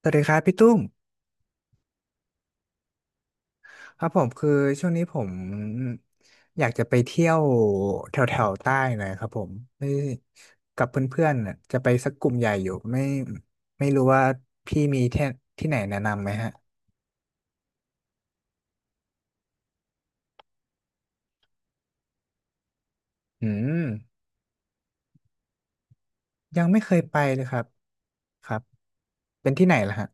สวัสดีครับพี่ตุ้มครับผมคือช่วงนี้ผมอยากจะไปเที่ยวแถวแถวใต้หน่อยครับผมไม่กับเพื่อนๆน่ะจะไปสักกลุ่มใหญ่อยู่ไม่รู้ว่าพี่มีที่ที่ไหนแนะนำไหมฮะอืมยังไม่เคยไปเลยครับครับเป็นที่ไหนล่ะฮะ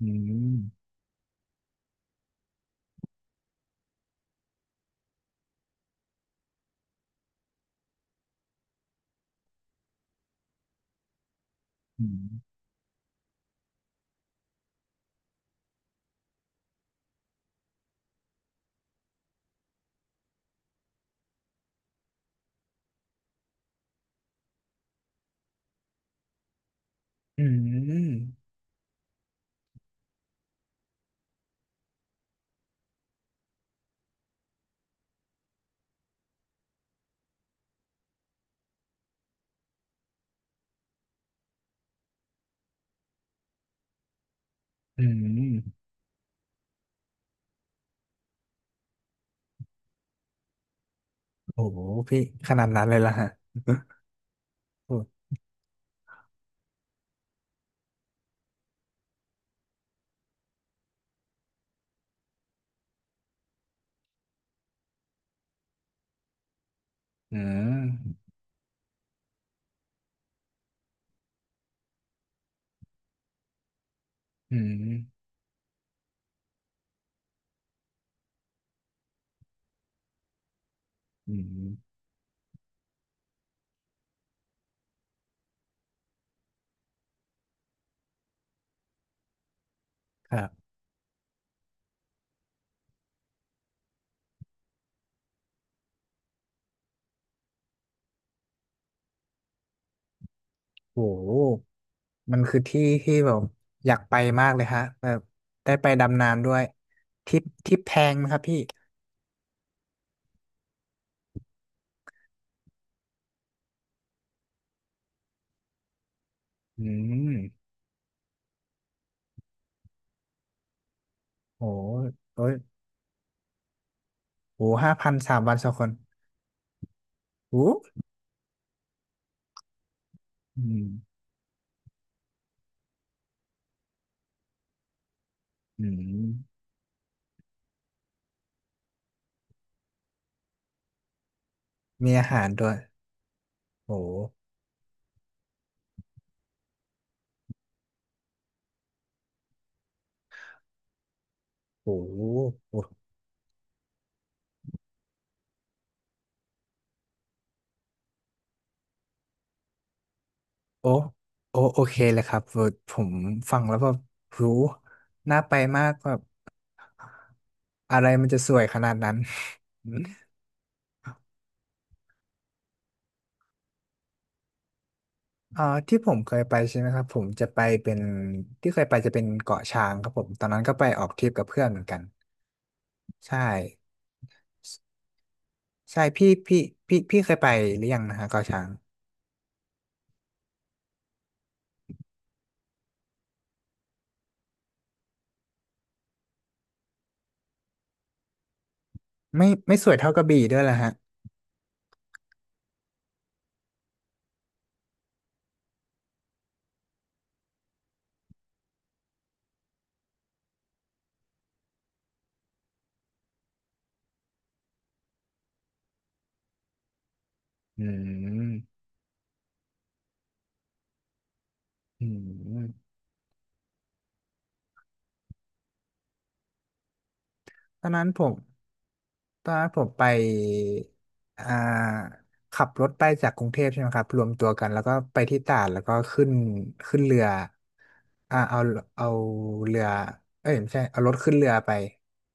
อืมอืมอืมอืมโอ้โหพี่ขนาดนั้นเลยล่ะฮะโอ้อืมอืมอืมครับโอ้ มันคือที่ที่แบบอยากไปมากเลยฮะแบบได้ไปดำน้ำด้วยทริปแพงไหมครับพี่อืมโหโอ้ยโห5,0003 วัน2 คนโหอืมอืมมีอาหารด้วยโหโหโหโอ้โอโอเคเลยครับเออผมฟังแล้วแบบหูน่าไปมากแบบอะไรมันจะสวยขนาดนั้น อ่าที่ผมเคยไปใช่ไหมครับผมจะไปเป็นที่เคยไปจะเป็นเกาะช้างครับผมตอนนั้นก็ไปออกทริปกับเพื่อนเหมือนกันใช่ใช่พี่เคยไปหรือยังนะฮะเกาะช้างไม่สวยเท่ากระบี่ด้วยละฮะอืมอืม ตอนนั้นผมตอนนั้นผมไปอ่าขับรถไปจากกรุงเทพใช่ไหมครับรวมตัวกันแล้วก็ไปที่ตราดแล้วก็ขึ้นเรืออ่าเอาเอาเรือเอ้ยไม่ใช่เอารถขึ้นเรือไป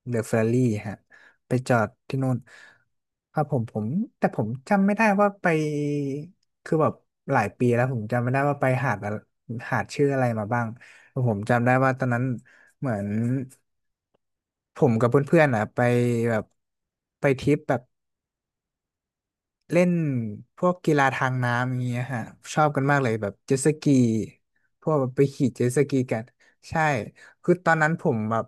เรือเฟอร์รารี่ฮะไปจอดที่นู่นครับผมแต่ผมจำไม่ได้ว่าไปคือแบบหลายปีแล้วผมจำไม่ได้ว่าไปหาดอะหาดชื่ออะไรมาบ้าง ผมจำได้ว่าตอนนั้นเหมือนผมกับเพื่อนๆอ่ะไปแบบไปทริปแบบ เล่นพวกกีฬาทางน้ำอย่างเงี้ยฮะชอบกันมากเลยแบบเจ็ตสกีพวกแบบไปขี่เจ็ตสกีกันใช่คือตอนนั้นผมแบบ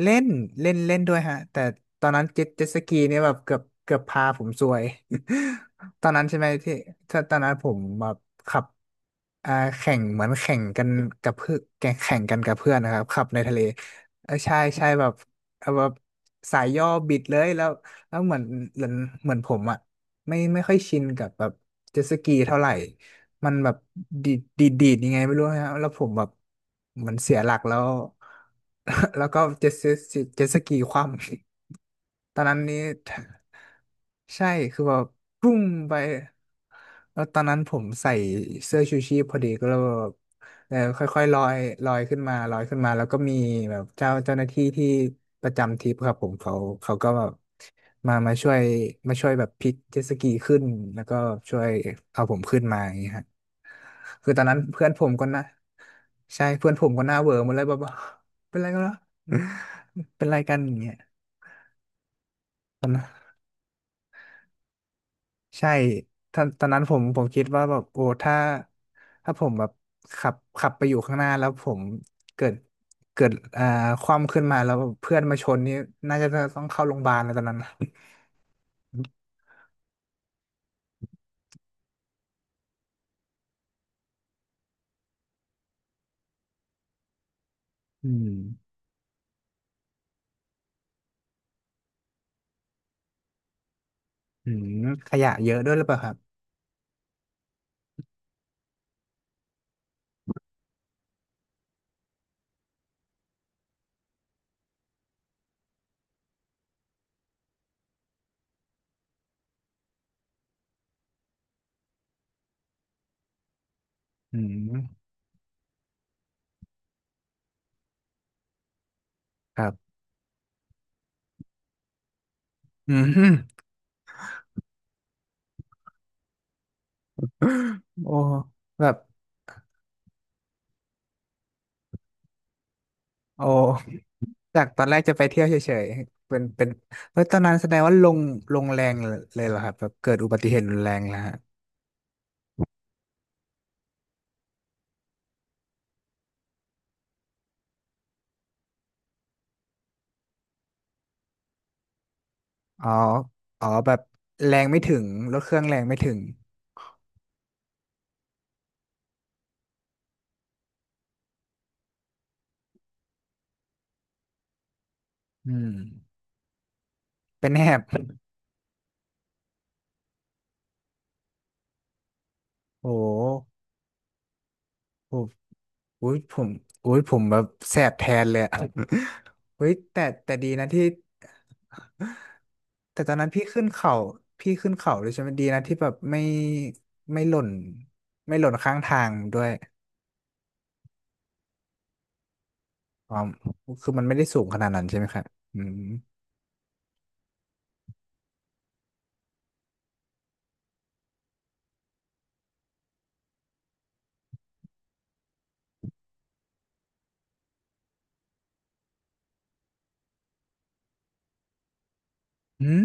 เล่นเล่นเล่นด้วยฮะแต่ตอนนั้นเจ็ตสกีเนี่ยแบบเกือบพาผมซวย ตอนนั้นใช่ไหมที่ถ้าตอนนั้นผมแบบขับอ่าแข่งเหมือนแข่งกันกับเพื่อนแข่งกันกับเพื่อนนะครับขับในทะเลเออใช่ใช่แบบเอาแบบสายย่อบิดเลยแล้ว แล้วเหมือนเหมือนเหมือนผมอ่ะไม่ค่อยชินกับแบบเจ็ตสกีเท่าไหร่ มันแบบดีดยังไงไม่รู้นะแล้วผมแบบเหมือนเสียหลักแล้ว แล้วก็เจ็ตสกีคว่ำ ตอนนั้นนี้ ใช่คือแบบปุ้งไปแล้วตอนนั้นผมใส่เสื้อชูชีพพอดีก็เลยแบบเออค่อยๆลอยลอยขึ้นมาแล้วก็มีแบบเจ้าหน้าที่ที่ประจำทริปครับผมเขาก็แบบมามาช่วยมาช่วยแบบพลิกเจ็ตสกีขึ้นแล้วก็ช่วยเอาผมขึ้นมาอย่างเงี้ยฮะคือตอนนั้นเพื่อนผมก็น่าใช่เพื่อนผมก็หน้าเหวอหมดเลยแบบอกเป็นไรกันเหรอเป็นไรกันอย่างเงี้ย ใช่ตอนนั้นผมคิดว่าแบบโอ้ถ้าผมแบบขับไปอยู่ข้างหน้าแล้วผมเกิดเกิดคว่ำขึ้นมาแล้วเพื่อนมาชนนี่น่าจะต้องเข้าโรงพยาบาลเลยตอนนั้นอืมอืมขยะเยอะด้วยหรือเปล่าครับอืมครับอืมโอ้แบบโอ้จากตอนแรกจะไปเที่ยวเฉยๆเป็นเฮ้ยตอนนั้นแสดงว่าลงแรงเลยเหรอครับแบบเกิดอุบัติเหตุรุนแรงแล้ว อ๋ออ๋อแบบแรงไม่ถึง รถเครื่องแรงไม่ถึงอืมเป็นแหบโอ้โหโอ้อุ้ยผมอุ้ยผมแบบแสบแทนเลยอะ เฮ้ยแต่ดีนะที่ แต่ตอนนั้นพี่ขึ้นเขาด้วยใช่ไหมดีนะที่แบบไม่หล่นไม่หล่นข้างทางด้วยอ๋อคือมันไม่ได้สูงขนาดนั้นใช่ไหมครับอืมอืม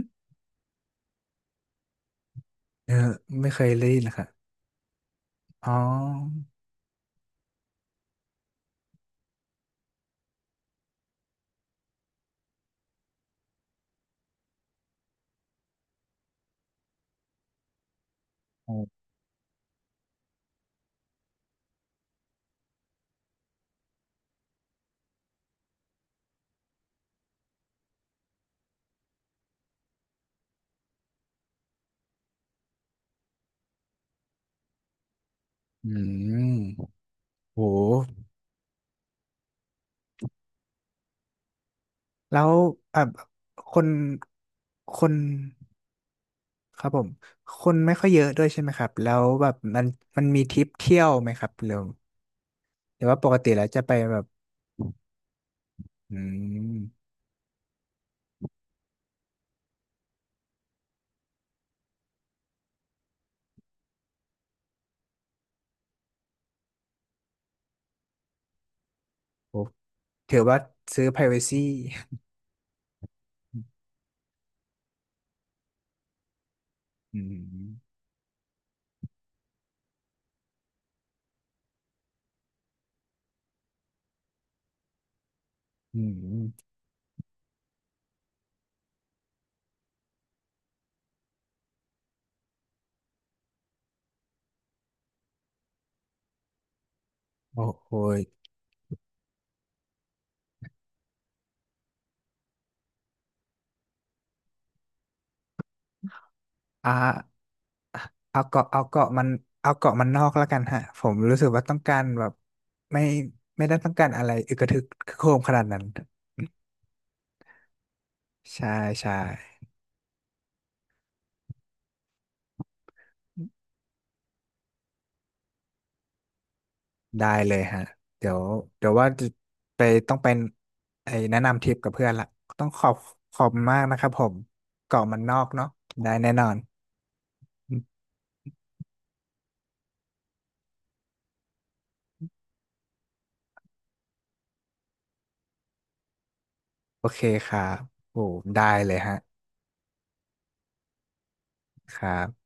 เออไม่เคยเล่นเลยค่ะอ๋ออืมโห แล้วอ่ะคนคนครับผมคนไม่ค่อยเยอะด้วยใช่ไหมครับแล้วแบบมันมีทริปเที่ยวไหมครับหรือว่าปกติแล้วจะไปแบบอืมโอ้ถือว่าซื้อ privacy อืมอืมโอ้โหยอ่าเอาเกาะเอาเกาะมันเอาเกาะมันนอกแล้วกันฮะผมรู้สึกว่าต้องการแบบไม่ไม่ได้ต้องการอะไรอึกระทึกโครมขนาดนั้นใช่ใช่ ได้เลยฮะเดี๋ยวเดี๋ยวว่าจะไปต้องเป็นไอ้แนะนำทริปกับเพื่อนละต้องขอบมากนะครับผมเกาะมันนอกเนาะได้แน่นอนโอเคครับโอ้ได้เลยฮะครับ